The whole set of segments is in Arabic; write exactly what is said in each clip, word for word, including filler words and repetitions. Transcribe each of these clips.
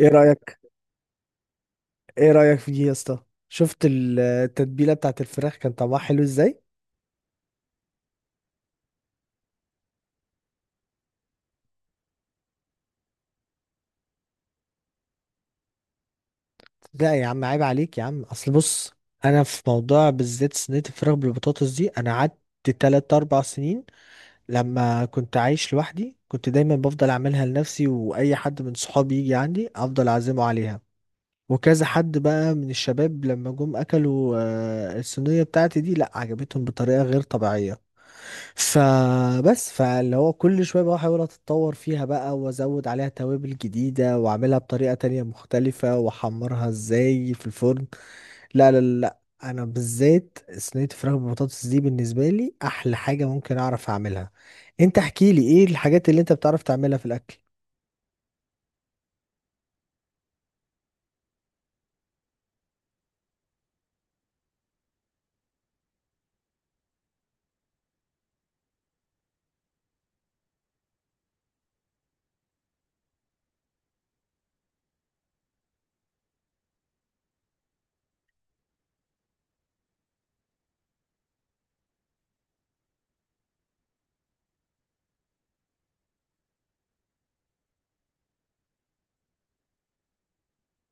ايه رأيك ايه رأيك في دي يا اسطى؟ شفت ال- التتبيلة بتاعت الفراخ كان طعمها حلو ازاي. لا يا عم، عيب عليك يا عم، اصل بص، انا في موضوع بالذات صينية الفراخ بالبطاطس دي انا قعدت تلات اربع سنين لما كنت عايش لوحدي، كنت دايما بفضل اعملها لنفسي، واي حد من صحابي يجي عندي افضل اعزمه عليها، وكذا حد بقى من الشباب لما جم اكلوا، آه، الصينية بتاعتي دي لا عجبتهم بطريقة غير طبيعية. فبس فاللي هو كل شوية بقى احاول اتطور فيها بقى وازود عليها توابل جديدة واعملها بطريقة تانية مختلفة واحمرها ازاي في الفرن. لا لا لا لا. انا بالذات صينية الفراخ بالبطاطس دي بالنسبة لي احلى حاجة ممكن اعرف اعملها. انت احكي لي ايه الحاجات اللي انت بتعرف تعملها في الاكل؟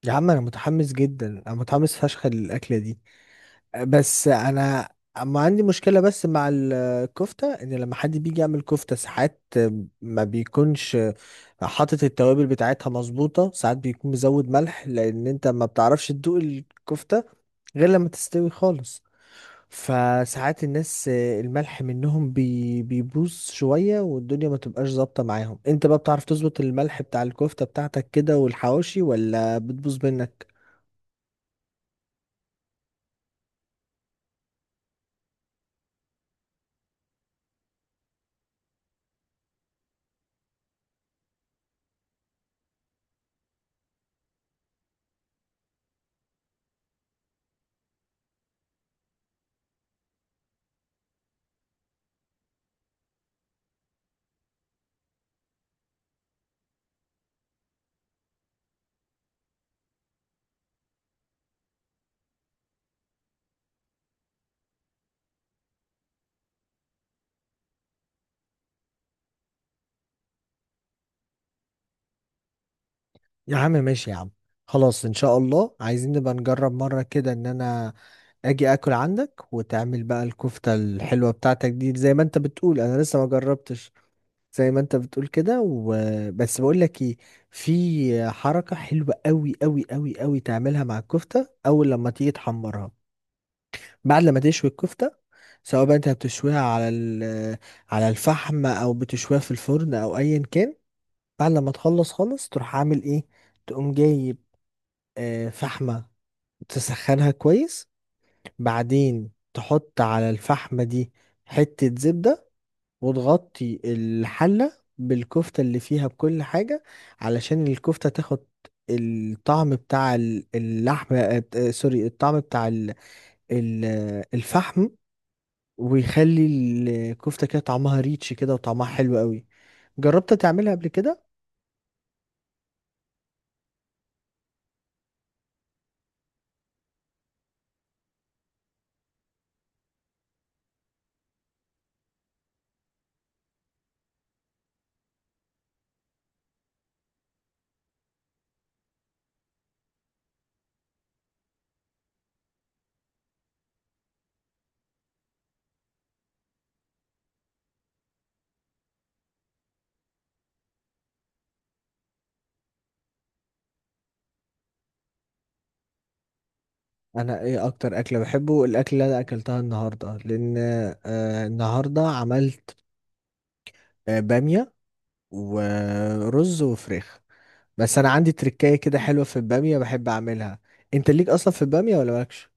يا عم انا متحمس جدا، انا متحمس فشخ للاكلة دي، بس انا اما عندي مشكلة بس مع الكفتة ان لما حد بيجي يعمل كفتة ساعات ما بيكونش حاطط التوابل بتاعتها مظبوطة، ساعات بيكون مزود ملح، لان انت ما بتعرفش تدوق الكفتة غير لما تستوي خالص. فساعات الناس الملح منهم بي بيبوظ شوية والدنيا ما تبقاش ظابطة معاهم. انت بقى بتعرف تظبط الملح بتاع الكفتة بتاعتك كده والحواوشي ولا بتبوظ منك؟ يا عم ماشي يا عم، خلاص ان شاء الله عايزين نبقى نجرب مرة كده ان انا اجي اكل عندك وتعمل بقى الكفتة الحلوة بتاعتك دي زي ما انت بتقول، انا لسه ما جربتش زي ما انت بتقول كده، وبس بقول لك ايه، في حركة حلوة قوي قوي قوي قوي تعملها مع الكفتة. اول لما تيجي تحمرها، بعد لما تشوي الكفتة، سواء بقى انت بتشويها على ال- على الفحم او بتشويها في الفرن او ايا كان، بعد لما تخلص خالص تروح عامل ايه، تقوم جايب آه، فحمة، تسخنها كويس، بعدين تحط على الفحمة دي حتة زبدة وتغطي الحلة بالكفتة اللي فيها بكل حاجة، علشان الكفتة تاخد الطعم بتاع ال- اللحم آه، آه، سوري، الطعم بتاع ال- ال- آه، الفحم، ويخلي الكفتة كده طعمها ريتش كده وطعمها حلو قوي. جربت تعملها قبل كده؟ انا ايه اكتر اكله بحبه؟ الاكل اللي انا اكلتها النهارده، لان آه النهارده عملت آه، بامية ورز وفراخ. بس انا عندي تركاية كده حلوة في البامية بحب اعملها. انت ليك اصلا في البامية ولا مالكش؟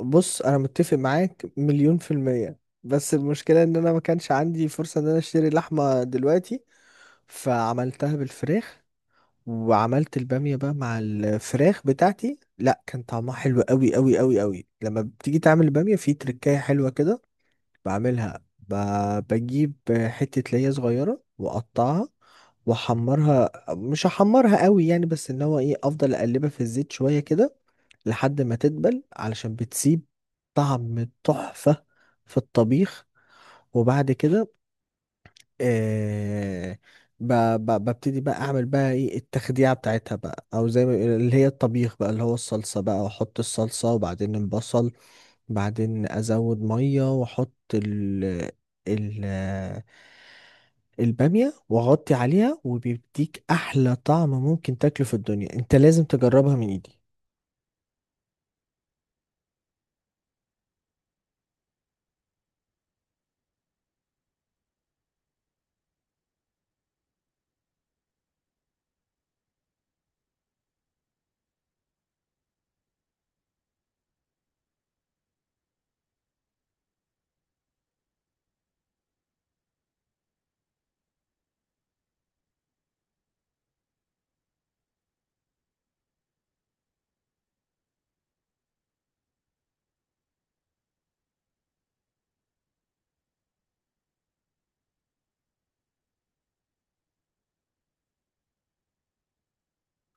بص انا متفق معاك مليون في المية، بس المشكلة ان انا ما كانش عندي فرصة ان انا اشتري لحمة دلوقتي، فعملتها بالفراخ، وعملت البامية بقى مع الفراخ بتاعتي لا كان طعمها حلو قوي قوي قوي قوي. لما بتيجي تعمل البامية في تركاية حلوة كده، بعملها ب- بجيب حتة ليا صغيرة واقطعها واحمرها، مش هحمرها قوي يعني بس ان هو ايه افضل اقلبها في الزيت شوية كده لحد ما تدبل علشان بتسيب طعم تحفة في الطبيخ. وبعد كده آه ب- ب- ببتدي بقى اعمل بقى ايه التخديعة بتاعتها بقى، او زي ما بيقولوا اللي هي الطبيخ بقى اللي هو الصلصة بقى، واحط الصلصة وبعدين البصل، بعدين ازود ميه واحط ال ال الباميه واغطي عليها، وبيديك احلى طعم ممكن تاكله في الدنيا. انت لازم تجربها من ايدي.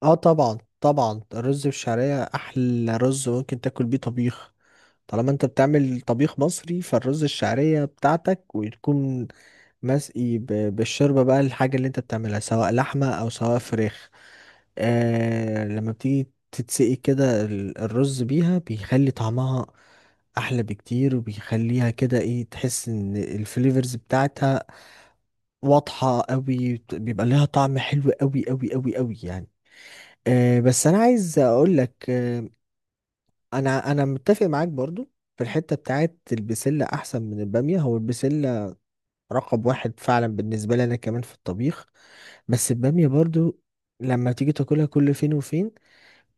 اه طبعا طبعا، الرز بالشعريه احلى رز ممكن تاكل بيه طبيخ. طالما انت بتعمل طبيخ مصري فالرز الشعرية بتاعتك وتكون مسقي ب- بالشوربة بقى الحاجة اللي انت بتعملها سواء لحمة او سواء فراخ. آه لما بتيجي تتسقي كده ال- الرز بيها بيخلي طعمها احلى بكتير، وبيخليها كده ايه، تحس ان الفليفرز بتاعتها واضحة قوي، بيبقى لها طعم حلو قوي قوي قوي قوي يعني. آه بس انا عايز اقول لك، آه، انا انا متفق معاك برضو في الحته بتاعت البسله احسن من الباميه. هو البسله رقم واحد فعلا بالنسبه لي انا كمان في الطبيخ، بس الباميه برضو لما تيجي تاكلها كل فين وفين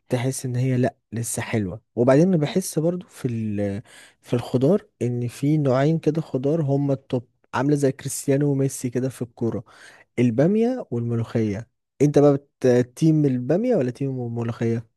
تحس ان هي لا لسه حلوه. وبعدين أنا بحس برضو في ال- في الخضار ان في نوعين كده خضار هما التوب، عامله زي كريستيانو وميسي كده في الكوره، الباميه والملوخيه. انت بقى بت- تيم الباميه ولا تيم الملوخيه؟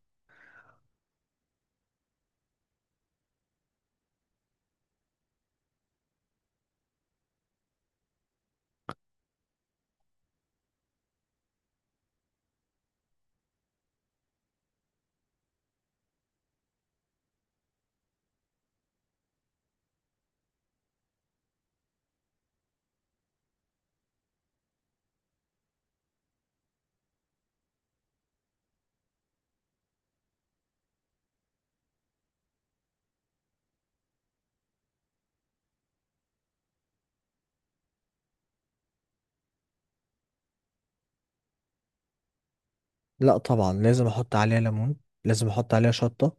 لا طبعا لازم احط عليها ليمون، لازم احط عليها شطه،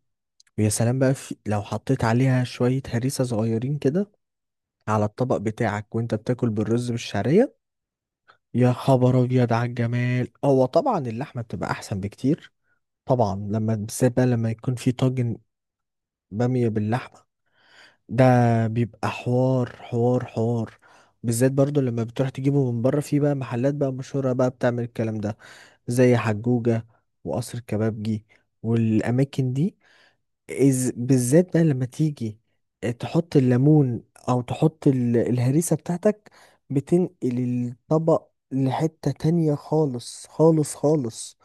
ويا سلام بقى في لو حطيت عليها شوية هريسة صغيرين كده على الطبق بتاعك وانت بتاكل بالرز بالشعرية، يا خبر ابيض على الجمال. هو طبعا اللحمة بتبقى احسن بكتير، طبعا لما بالذات بقى لما يكون في طاجن بامية باللحمة ده، بيبقى حوار حوار حوار. بالذات برضو لما بتروح تجيبه من بره في بقى محلات بقى مشهورة بقى بتعمل الكلام ده زي حجوجة وقصر الكبابجي والأماكن دي، إز بالذات بقى لما تيجي آه، تحط الليمون او تحط ال- الهريسة بتاعتك، بتنقل الطبق لحتة تانية خالص خالص خالص.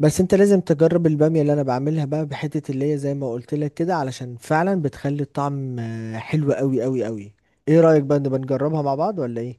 بس انت لازم تجرب البامية اللي انا بعملها بقى بحتة اللي هي زي ما قلت لك كده، علشان فعلا بتخلي الطعم آه، حلو قوي قوي قوي. ايه رأيك بقى نبقى نجربها مع بعض ولا ايه؟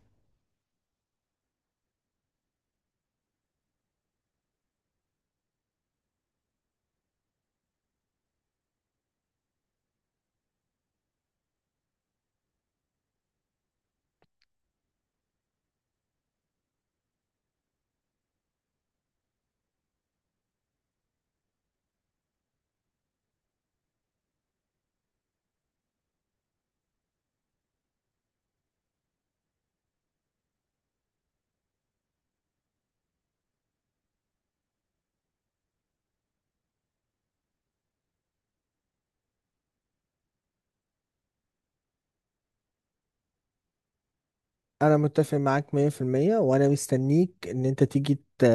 انا متفق معاك مية في المية وانا مستنيك ان انت تيجي ت...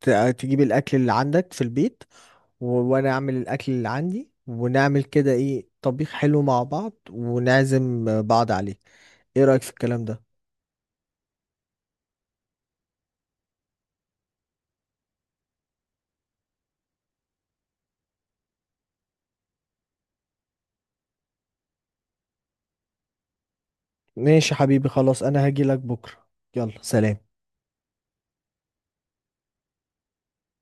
ت... تجيب الاكل اللي عندك في البيت، و- وانا اعمل الاكل اللي عندي ونعمل كده ايه طبيخ حلو مع بعض ونعزم بعض عليه. ايه رأيك في الكلام ده؟ ماشي يا حبيبي، خلاص انا هاجي لك بكرة. يلا سلام.